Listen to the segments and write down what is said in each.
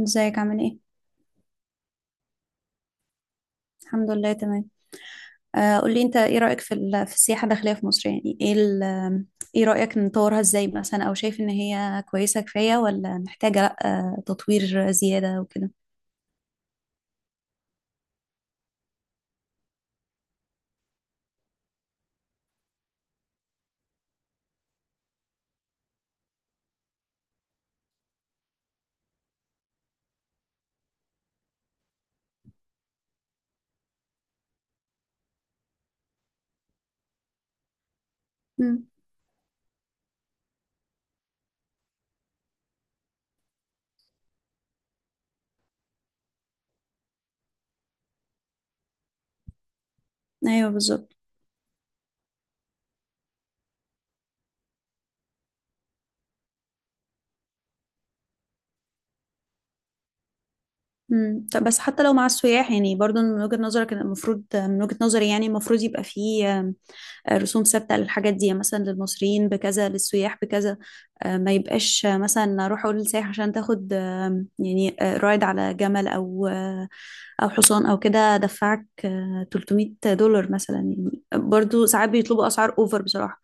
ازيك عامل ايه؟ الحمد لله تمام. قولي انت ايه رأيك في السياحة الداخلية في مصر، يعني ايه رأيك نطورها ازاي، مثلا او شايف ان هي كويسة كفاية ولا محتاجة، لا تطوير زيادة وكده. امم. ايوه بالظبط. طب بس حتى لو مع السياح، يعني برضو من وجهة نظرك إن المفروض، من وجهة نظري يعني المفروض يبقى فيه، رسوم ثابته للحاجات دي، يعني مثلا للمصريين بكذا للسياح بكذا. ما يبقاش مثلا اروح اقول للسائح عشان تاخد، يعني رايد على جمل، او او حصان او كده، دفعك $300 مثلا. يعني برضو ساعات بيطلبوا اسعار اوفر بصراحه.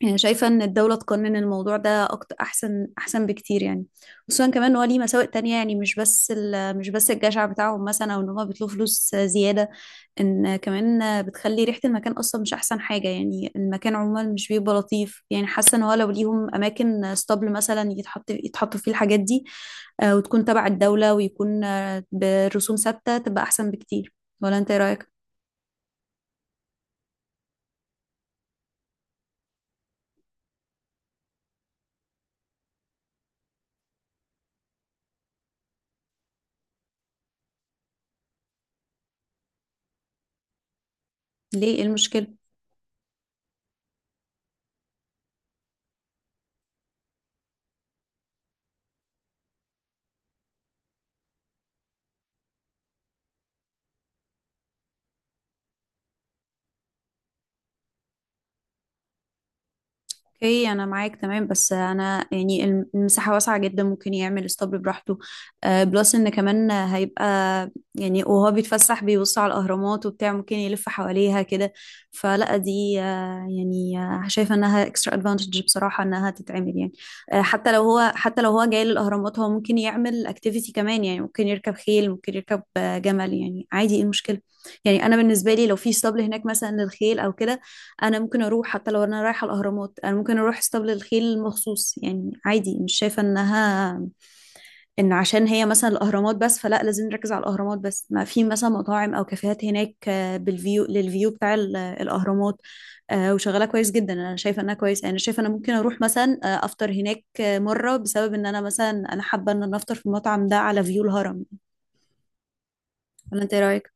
يعني شايفة إن الدولة تقنن الموضوع ده أكتر، أحسن، أحسن بكتير. يعني خصوصا كمان إن هو ليه مساوئ تانية، يعني مش بس الجشع بتاعهم، مثلا، أو إن هما بيطلبوا فلوس زيادة. إن كمان بتخلي ريحة المكان أصلا مش أحسن حاجة، يعني المكان عموما مش بيبقى لطيف. يعني حاسة إن هو لو ليهم أماكن ستابل مثلا يتحطوا فيه الحاجات دي، وتكون تبع الدولة ويكون برسوم ثابتة، تبقى أحسن بكتير. ولا أنت إيه رأيك؟ ليه إيه المشكلة؟ اوكي انا معاك تمام، بس انا يعني المساحه واسعه جدا، ممكن يعمل اسطبل براحته، بلس ان كمان هيبقى، يعني وهو بيتفسح بيبص على الاهرامات وبتاع، ممكن يلف حواليها كده. فلا دي يعني شايفه انها اكسترا ادفانتج بصراحه انها تتعمل، يعني حتى لو هو حتى لو هو جاي للاهرامات، هو ممكن يعمل اكتيفيتي كمان. يعني ممكن يركب خيل، ممكن يركب جمل، يعني عادي، ايه المشكله؟ يعني انا بالنسبه لي، لو في اسطبل هناك مثلا للخيل او كده، انا ممكن اروح حتى لو انا رايحه الاهرامات، انا ممكن اروح اسطبل الخيل مخصوص، يعني عادي. مش شايفه انها، ان عشان هي مثلا الاهرامات بس فلا لازم نركز على الاهرامات بس. ما في مثلا مطاعم او كافيهات هناك، بالفيو للفيو بتاع الاهرامات، وشغاله كويس جدا. انا شايفه انها كويس، يعني انا شايفه انا ممكن اروح مثلا افطر هناك مره، بسبب ان انا مثلا انا حابه ان انا افطر في المطعم ده على فيو الهرم. ولا انت إيه رايك؟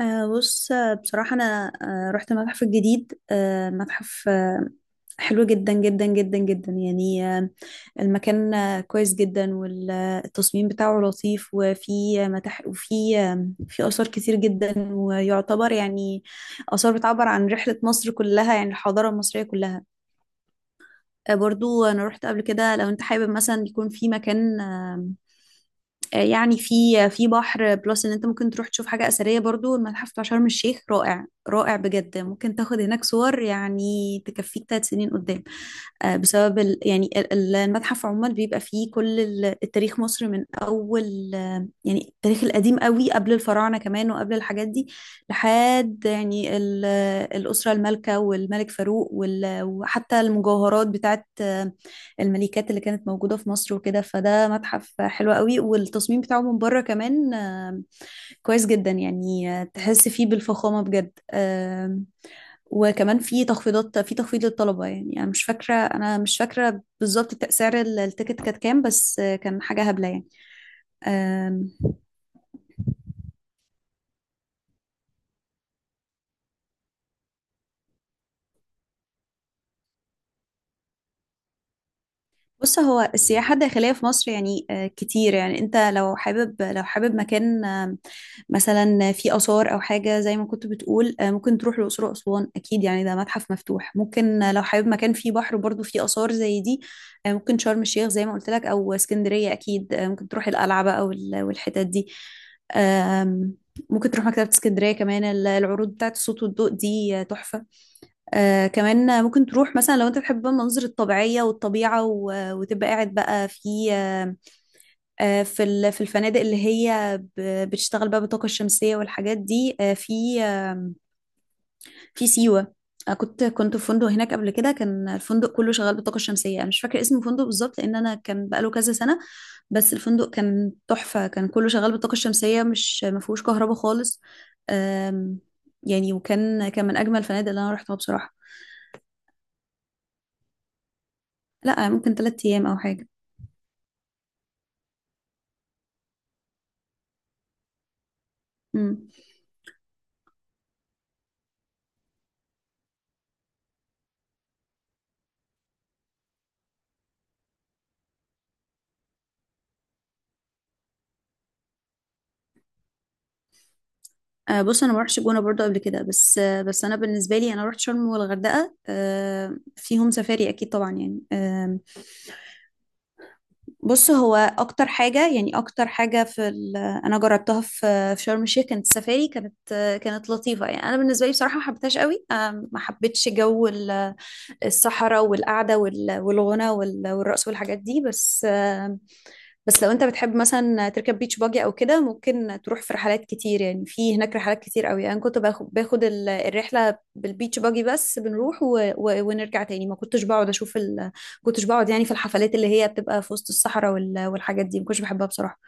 بص بصراحة أنا رحت المتحف الجديد، متحف حلو جدا جدا جدا جدا، يعني المكان كويس جدا، والتصميم بتاعه لطيف، وفي متاح، وفي في آثار كتير جدا، ويعتبر يعني آثار بتعبر عن رحلة مصر كلها، يعني الحضارة المصرية كلها. برضو أنا رحت قبل كده، لو أنت حابب مثلا يكون في مكان يعني في، في بحر، بلس ان انت ممكن تروح تشوف حاجة أثرية برضو، المتحف بتاع شرم الشيخ رائع رائع بجد، ممكن تاخد هناك صور يعني تكفيك ثلاث سنين قدام. بسبب ال يعني المتحف عموما بيبقى فيه كل التاريخ، مصر من أول يعني التاريخ القديم قوي قبل الفراعنة كمان وقبل الحاجات دي، لحد يعني الأسرة المالكة والملك فاروق وحتى المجوهرات بتاعت الملكات اللي كانت موجودة في مصر وكده. فده متحف حلو قوي، والتصميم بتاعه من بره كمان كويس جدا، يعني تحس فيه بالفخامة بجد. وكمان في تخفيضات، في تخفيض للطلبة. يعني أنا مش فاكرة، بالظبط سعر التيكت كانت كام، بس كان حاجة هبلة يعني. آم، بص هو السياحة الداخلية في مصر يعني كتير. يعني انت لو حابب، مكان مثلا فيه آثار أو حاجة زي ما كنت بتقول، ممكن تروح الأقصر وأسوان أكيد، يعني ده متحف مفتوح. ممكن لو حابب مكان فيه بحر، برضو فيه آثار زي دي، ممكن شرم الشيخ زي ما قلت لك، أو اسكندرية أكيد، ممكن تروح القلعة أو والحتت دي. آم، ممكن تروح مكتبة اسكندرية كمان، العروض بتاعت الصوت والضوء دي تحفة. كمان ممكن تروح مثلا، لو انت بتحب بقى المناظر الطبيعية والطبيعة، وتبقى قاعد بقى في في في الفنادق اللي هي بتشتغل بقى بالطاقة الشمسية والحاجات دي، في في سيوة. كنت كنت في فندق هناك قبل كده، كان الفندق كله شغال بالطاقة الشمسية. انا مش فاكرة اسم الفندق بالظبط، لان انا كان بقاله كذا سنة. بس الفندق كان تحفة، كان كله شغال بالطاقة الشمسية، مش ما فيهوش كهرباء خالص. آم، يعني وكان كان من اجمل الفنادق اللي انا رحتها بصراحة. لا ممكن ثلاثة ايام او حاجة. امم. بص انا ما رحتش الجونه برضو قبل كده، بس بس انا بالنسبه لي، انا رحت شرم والغردقه، فيهم سفاري اكيد طبعا، يعني بص هو اكتر حاجه، يعني اكتر حاجه في انا جربتها في في شرم الشيخ، كانت السفاري كانت كانت لطيفه. يعني انا بالنسبه لي بصراحه ما حبيتهاش قوي، ما حبيتش جو الصحراء والقعده والغنى والرقص والحاجات دي، بس. بس لو انت بتحب مثلا تركب بيتش باجي او كده، ممكن تروح في رحلات كتير، يعني في هناك رحلات كتير قوي. انا يعني كنت باخد باخد الرحله بالبيتش باجي، بس بنروح ونرجع تاني، ما كنتش بقعد اشوف ال... كنتش بقعد يعني في الحفلات اللي هي بتبقى في وسط الصحراء وال... والحاجات دي، ما كنتش بحبها بصراحه.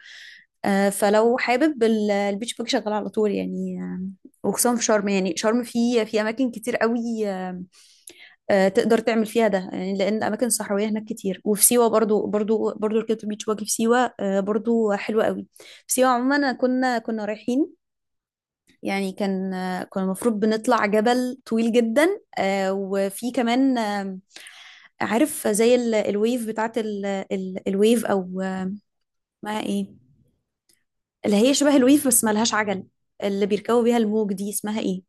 فلو حابب البيتش باجي شغال على طول، يعني وخصوصا في شرم. يعني شرم في اماكن كتير قوي تقدر تعمل فيها ده، يعني لان اماكن صحراويه هناك كتير. وفي سيوه برضو برضو برضو ركبت بيتش باجي في سيوه، برضو حلوه قوي. في سيوه عموما كنا كنا رايحين، يعني كان كان المفروض بنطلع جبل طويل جدا، وفي كمان عارف زي الويف بتاعت الويف او اسمها ايه، اللي هي شبه الويف بس مالهاش عجل، اللي بيركبوا بيها الموج دي اسمها ايه؟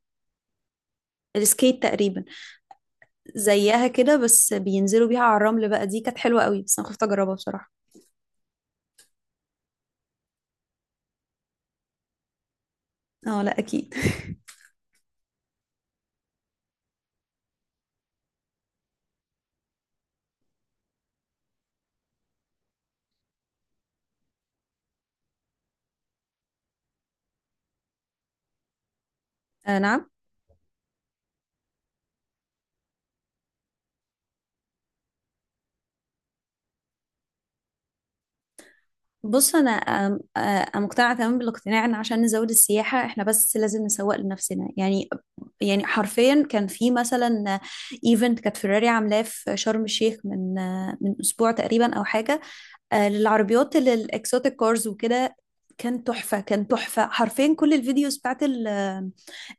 السكيت تقريبا. زيها كده بس بينزلوا بيها على الرمل بقى، دي كانت حلوه قوي، بس انا خفت اجربها بصراحه. اه لا اكيد. نعم. بص انا مقتنعه تماما بالاقتناع ان عشان نزود السياحه، احنا بس لازم نسوق لنفسنا. يعني يعني حرفيا كان في مثلا ايفنت كانت فيراري عاملاه في شرم الشيخ، من من اسبوع تقريبا او حاجه، للعربيات اللي الاكسوتيك كارز وكده. كان تحفة، كان تحفة حرفيا. كل الفيديوز بتاعت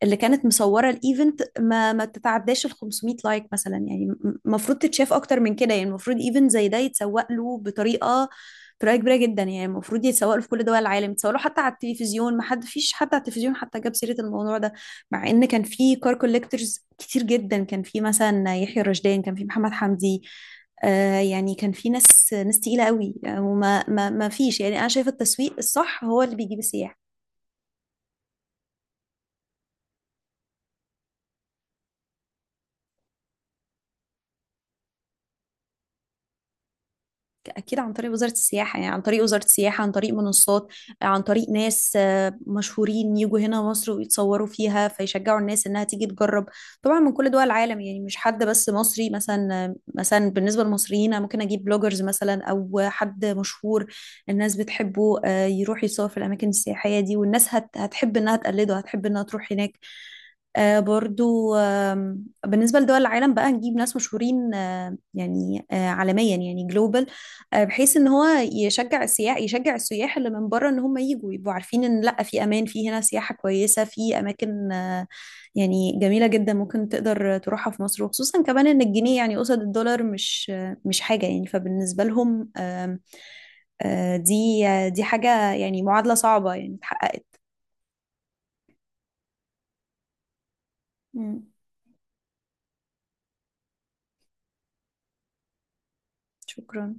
اللي كانت مصورة الايفنت، ما ما تتعداش ال 500 لايك مثلا. يعني المفروض تتشاف اكتر من كده. يعني المفروض ايفنت زي ده يتسوق له بطريقة، كبيرة جدا. يعني المفروض يتسوق له في كل دول العالم، يتسوق له حتى على التلفزيون. ما حد فيش حد على التلفزيون حتى جاب سيرة الموضوع ده، مع ان كان في كار كوليكتورز كتير جدا. كان في مثلا يحيى الرشدان، كان في محمد حمدي، يعني كان في ناس ناس تقيلة قوي، وما ما ما فيش. يعني أنا شايفة التسويق الصح هو اللي بيجيب السياح. اكيد عن طريق وزارة السياحة، يعني عن طريق وزارة السياحة، عن طريق منصات، عن طريق ناس مشهورين، يجوا هنا مصر ويتصوروا فيها، فيشجعوا الناس انها تيجي تجرب. طبعا من كل دول العالم، يعني مش حد بس مصري مثلا، مثلا بالنسبة للمصريين، أنا ممكن اجيب بلوجرز مثلا او حد مشهور الناس بتحبه، يروح يصور في الاماكن السياحية دي، والناس هتحب انها تقلده، هتحب انها تروح هناك برضو. بالنسبة لدول العالم بقى نجيب ناس مشهورين، يعني عالميا، يعني global، بحيث ان هو يشجع السياح، اللي من بره، ان هم يجوا يبقوا عارفين ان لا، في امان، في هنا سياحة كويسة، في اماكن يعني جميلة جدا، ممكن تقدر تروحها في مصر. وخصوصا كمان ان الجنيه يعني قصاد الدولار مش مش حاجة يعني، فبالنسبة لهم دي دي حاجة يعني معادلة صعبة يعني اتحققت. مم. شكرا.